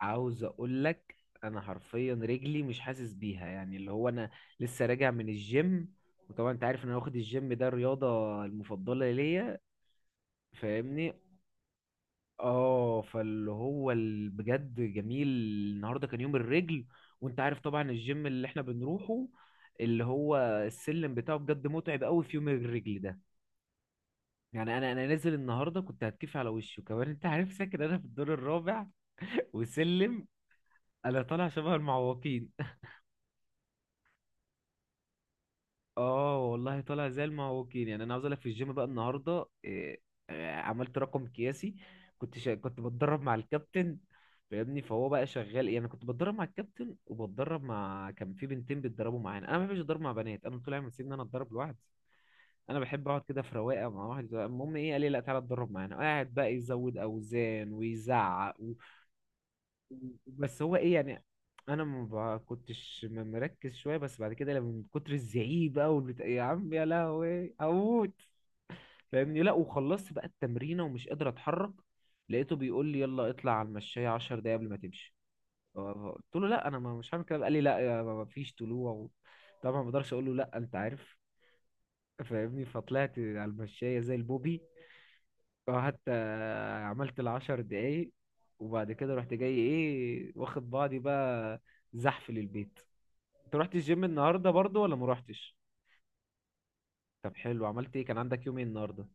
عاوز اقول لك. انا حرفيا رجلي مش حاسس بيها، يعني اللي هو انا لسه راجع من الجيم. وطبعا انت عارف ان انا واخد الجيم ده الرياضة المفضلة ليا، فاهمني. اه، فاللي هو بجد جميل النهارده كان يوم الرجل. وانت عارف طبعا الجيم اللي احنا بنروحه اللي هو السلم بتاعه بجد متعب قوي في يوم الرجل ده. يعني انا نازل النهارده كنت هتكيف على وشي، وكمان انت عارف ساكن انا في الدور الرابع وسلم. انا طالع شبه المعوقين. اه والله طالع زي المعوجين. يعني انا عاوز اقول لك في الجيم بقى النهارده إيه، آه، عملت رقم قياسي. كنت بتدرب مع الكابتن، فاهمني. فهو بقى شغال، يعني كنت بتدرب مع الكابتن وبتدرب مع كان في بنتين بيتدربوا معانا. انا ما بحبش اتدرب مع بنات، انا طول عمري مسيب ان انا اتدرب لوحدي. انا بحب اقعد كده في رواقه مع واحد. المهم ايه، قال لي لا تعالى اتدرب معانا. قاعد بقى يزود اوزان ويزعق. بس هو ايه يعني، انا ما ب- كنتش م- مركز شويه، بس بعد كده لما من كتر الزعيق بقى والبتاع، يا عم يا لهوي هموت. فاهمني. لا، وخلصت بقى التمرينه ومش قادر اتحرك. لقيته بيقول لي يلا اطلع على المشايه 10 دقايق قبل ما تمشي. ف- قلت له لا انا مش هعمل كده. قال لي لا يا ما ما فيش طلوع و... طبعا ما اقدرش اقول له لا، انت عارف. فاهمني. فطلعت على المشايه زي البوبي. اه، حتى عملت العشر دقايق. وبعد كده رحت جاي ايه، واخد بعضي بقى، زحف للبيت. انت رحت الجيم النهارده برضو ولا ما روحتش؟ طب حلو، عملت ايه، كان عندك يوم ايه النهارده؟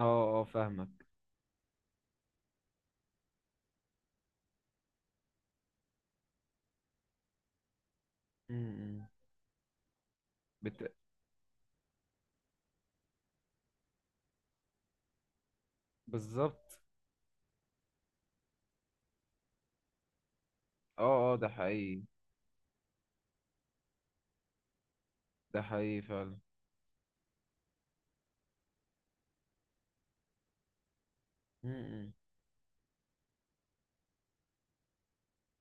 اه اه فاهمك. امم بت... بالظبط. اه اه ده حقيقي، ده حقيقي فعلا. امم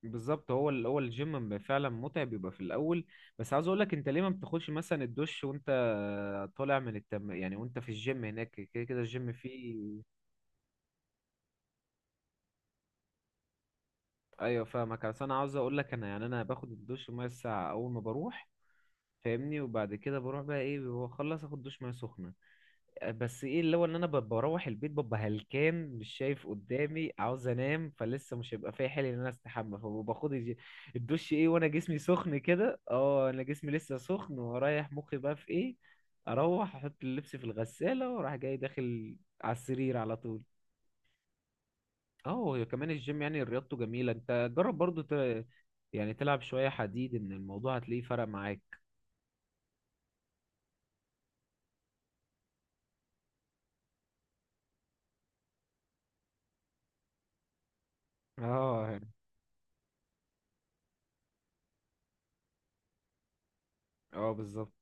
بالظبط. هو ال... هو الجيم فعلا متعب، بيبقى في الاول. بس عاوز اقول لك، انت ليه ما بتاخدش مثلا الدش وانت طالع من التم، يعني وانت في الجيم هناك، كده كده الجيم فيه. ايوه فاهمك. بس انا عاوز اقول لك، انا يعني انا باخد الدش ميه الساعه اول ما بروح، فاهمني. وبعد كده بروح بقى ايه، بخلص اخد دش ميه سخنه. أه، بس ايه اللي هو ان انا بروح البيت ببقى هلكان، مش شايف قدامي، عاوز انام. فلسه مش هيبقى فيا حيل ان انا استحمى، فباخد الدش ايه وانا جسمي سخن كده. اه، انا جسمي لسه سخن، ورايح مخي بقى في ايه، اروح احط اللبس في الغساله، واروح جاي داخل على السرير على طول. اه، كمان الجيم يعني رياضته جميلة، انت جرب برضو يعني تلعب شوية حديد، ان الموضوع هتلاقيه فرق معاك. اه يعني. اه بالظبط.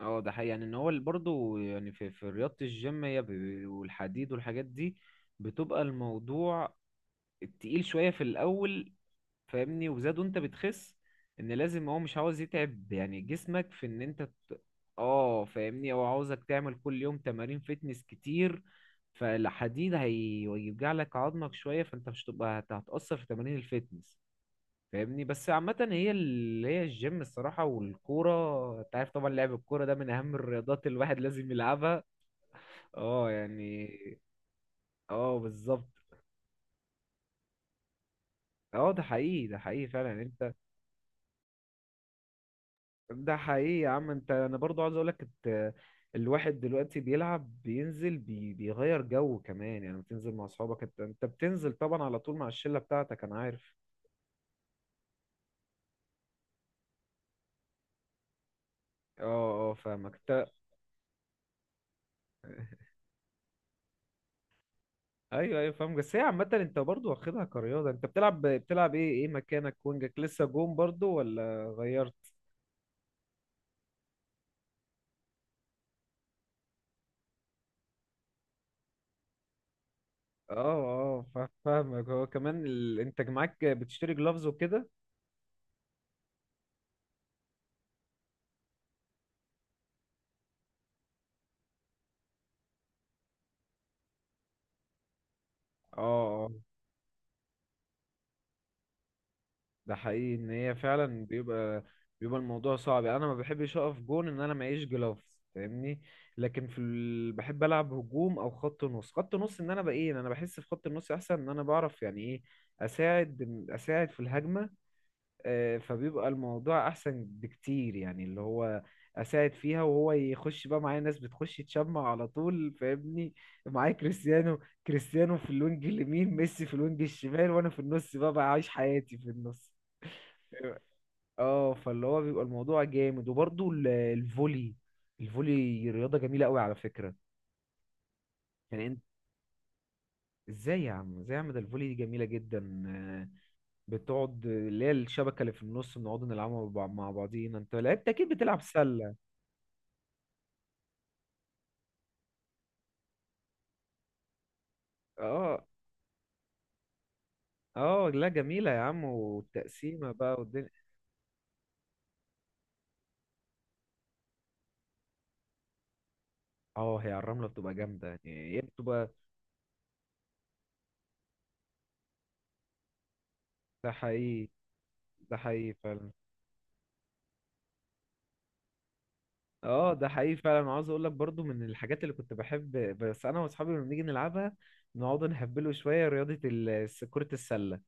اه ده حقيقي، يعني ان هو برضه يعني في رياضة الجيم هي والحديد والحاجات دي، بتبقى الموضوع تقيل شوية في الأول، فاهمني. وزادوا انت بتخس، ان لازم هو مش عاوز يتعب يعني جسمك في ان انت ت- اه، فاهمني، هو عاوزك تعمل كل يوم تمارين فتنس كتير. فالحديد هيوجع لك عظمك شوية، فانت مش هتبقى هتأثر في تمارين الفتنس. فاهمني. بس عامة هي اللي هي الجيم، الصراحة والكورة، انت عارف طبعا لعب الكورة ده من أهم الرياضات، الواحد لازم يلعبها. اه يعني. اه بالظبط. اه ده حقيقي، ده حقيقي فعلا. انت ده حقيقي يا عم. انت انا برضو عاوز اقولك الواحد دلوقتي بيلعب بينزل بيغير جو كمان، يعني بتنزل مع اصحابك. انت بتنزل طبعا على طول مع الشلة بتاعتك، انا عارف. اه اه فاهمك انت. ايوه ايوه فاهمك. بس هي عامة انت برضو واخدها كرياضة. انت بتلعب، بتلعب ايه، ايه مكانك، وينجك لسه، جون برضو ولا غيرت؟ اه اه فاهمك. هو كمان ال... انت معاك بتشتري جلافز وكده. اه ده حقيقي ان هي فعلا بيبقى، بيبقى الموضوع صعب. يعني انا ما بحبش اقف جون ان انا معيش جلافز، فاهمني. لكن في ال... بحب العب هجوم او خط نص. خط نص ان انا بقى ايه، إن انا بحس في خط النص احسن، ان انا بعرف يعني ايه اساعد في الهجمه. آه، فبيبقى الموضوع احسن بكتير، يعني اللي هو اساعد فيها وهو يخش بقى. معايا ناس بتخش تشمع على طول، فاهمني. معايا كريستيانو، كريستيانو في الوينج اليمين، ميسي في الوينج الشمال، وانا في النص بقى بعيش حياتي في النص. اه فاللي هو بيبقى الموضوع جامد. وبرضه الفولي، الفولي رياضة جميلة قوي على فكرة. يعني انت ازاي يا عم، ازاي يا عم، ده الفولي دي جميلة جدا، آه، بتقعد اللي هي الشبكة اللي في النص، بنقعد نلعبها مع مع بعضينا. انت لعبت اكيد، بتلعب سلة. اه اه لا جميلة يا عم، والتقسيمة بقى والدنيا. اه هي على الرملة بتبقى جامدة، يعني هي بتبقى. ده حقيقي، ده حقيقي فعلا. اه ده حقيقي فعلا. عاوز اقول لك برضو من الحاجات اللي كنت بحب، بس انا واصحابي لما بنيجي نلعبها نقعد نهبله شويه، رياضه كره السله.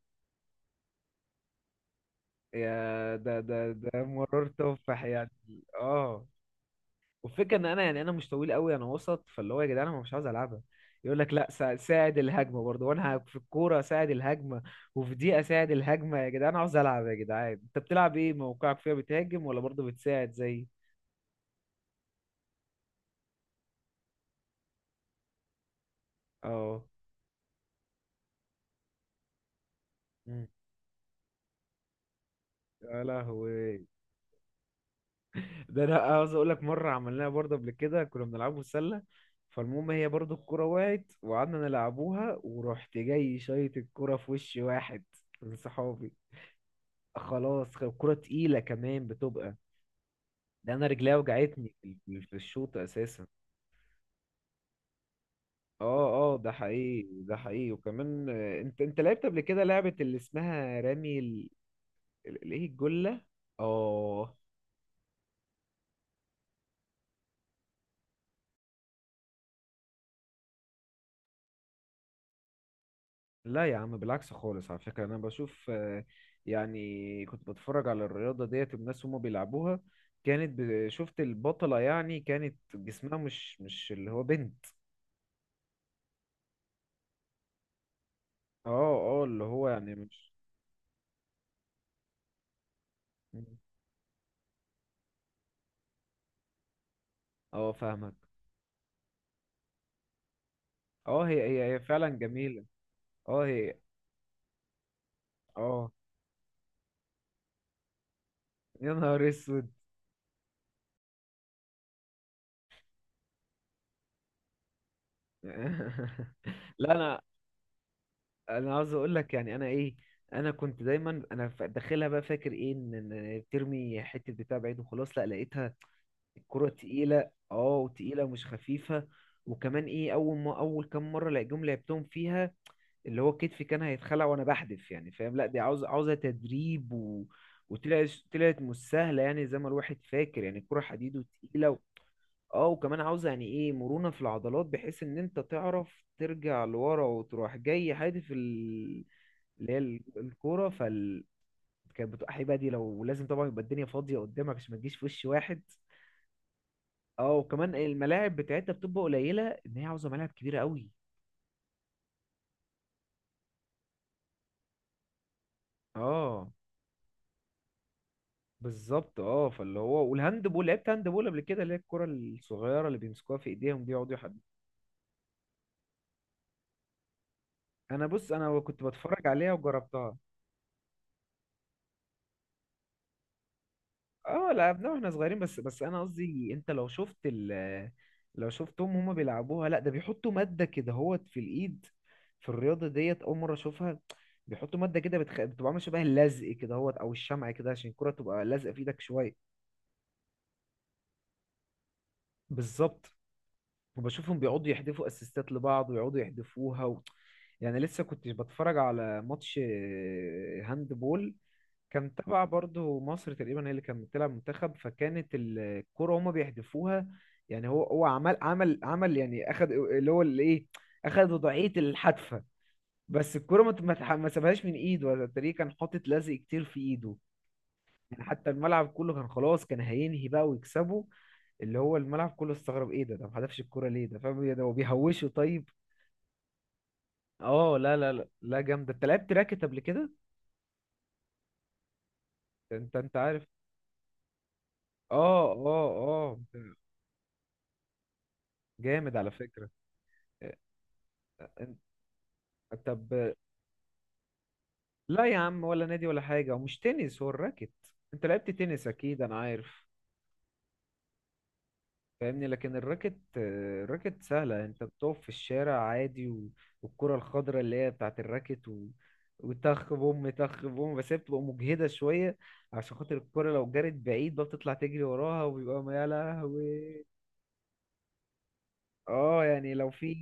يا ده ده ده مرار تفاح يعني. اه، والفكره ان انا، يعني انا مش طويل قوي، انا وسط. فاللي هو يا جدعان انا مش عاوز العبها. يقول لك لا ساعد الهجمه برضو، وانا في الكوره ساعد الهجمه، وفي دي اساعد الهجمه. يا جدعان عاوز العب. يا جدعان انت بتلعب ايه، موقعك فيها بتهاجم ولا برضو بتساعد زي؟ اه. مم. يا لهوي، ده انا عاوز اقول لك مره عملناها برضه قبل كده، كنا بنلعبه سله. فالمهم هي برضه الكره وقعت وقعدنا نلعبوها، ورحت جاي شايط الكره في وش واحد من صحابي. خلاص الكره تقيله كمان بتبقى. ده انا رجليا وجعتني في في الشوط اساسا. اه اه ده حقيقي، ده حقيقي. وكمان آه، انت انت لعبت قبل كده لعبه اللي اسمها رامي ال... ايه، الجله. اه. لا يا عم، بالعكس خالص على فكرة، أنا بشوف آه، يعني كنت بتفرج على الرياضة ديت والناس هما بيلعبوها، كانت شفت البطلة يعني، كانت جسمها مش اللي هو بنت. اه اه اللي هو يعني مش. اه فاهمك. اه هي هي هي فعلا جميلة. اه هي. اه يا نهار اسود. لا انا، انا عاوز اقول لك يعني انا ايه، انا كنت دايما انا داخلها بقى فاكر ايه، ان إن بترمي حتة بتاع بعيد وخلاص. لا لقيتها كرة تقيلة، اه وتقيلة مش خفيفة. وكمان ايه، اول ما اول كام مرة لقيتهم لعبتهم فيها، اللي هو كتفي كان هيتخلع وانا بحدف، يعني فاهم لا دي عاوزة تدريب و... وطلعت طلعت مش سهلة، يعني زي ما الواحد فاكر، يعني الكرة حديد وتقيلة و... اه وكمان عاوزة يعني ايه مرونة في العضلات، بحيث ان انت تعرف ترجع لورا وتروح جاي حادف ال... اللي هي الكورة فال، كانت بتبقى حيبة دي، لو لازم طبعا يبقى الدنيا فاضية قدامك عشان ما تجيش في وش واحد. اه وكمان الملاعب بتاعتنا بتبقى قليله، ان هي عاوزه ملاعب كبيره قوي. اه بالظبط. اه فاللي هو، والهاند بول، لعبت هاند بول قبل كده؟ اللي هي الكره الصغيره اللي بيمسكوها في ايديهم دي يقعدوا يحد. انا بص، انا كنت بتفرج عليها وجربتها. اه لعبناها واحنا صغيرين. بس انا قصدي انت لو شفت ال، لو شفتهم هما بيلعبوها، لا ده بيحطوا ماده كده هوت في الايد. في الرياضه ديت اول مره اشوفها، بيحطوا ماده كده بتبقى عامله شبه اللزق كده هوت او الشمع كده، عشان الكره تبقى لازقه في ايدك شويه. بالظبط. وبشوفهم بيقعدوا يحدفوا اسيستات لبعض، ويقعدوا يحدفوها و... يعني لسه كنت بتفرج على ماتش آه، هاند بول، كان تبع برضه مصر تقريبا، هي اللي كانت بتلعب منتخب، فكانت الكرة هما بيحدفوها. يعني هو عمل عمل يعني، اخد اللي هو الايه، اخد وضعية الحدفة. بس الكرة ما سابهاش من ايده، ولا التاني كان حاطط لزق كتير في ايده. يعني حتى الملعب كله كان خلاص كان هينهي بقى ويكسبوا، اللي هو الملعب كله استغرب ايه ده، ده ما حدفش الكوره ليه، ده فاهم إيه ده، هو بيهوشوا طيب؟ اه. لا، جامده. انت لعبت راكت قبل كده؟ انت انت عارف. اه اه اه. جامد على فكره. انت طب. لا يا عم، ولا نادي ولا حاجه، ومش تنس، هو الراكت. انت لعبت تنس اكيد انا عارف. فاهمني، لكن الراكت آه، الراكت سهلة، انت بتقف في الشارع عادي و... والكرة الخضراء اللي هي بتاعت الراكت و... وتخ بوم تخ بوم، بس هي بتبقى مجهدة شوية عشان خاطر الكرة لو جرت بعيد بقى بتطلع تجري وراها، وبيبقى يا لهوي. اه يعني لو في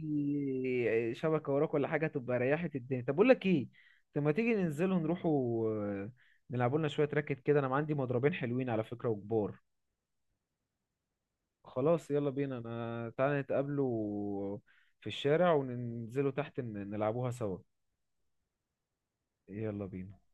شبكة وراك ولا حاجة تبقى ريحت الدنيا. طب بقول لك ايه، طب ما تيجي ننزلوا نروحوا، آه، نلعبوا لنا شوية راكت كده، انا ما عندي مضربين حلوين على فكرة وكبار. خلاص يلا بينا، انا تعالى نتقابلوا في الشارع وننزلوا تحت نلعبوها سوا. يلا بينا.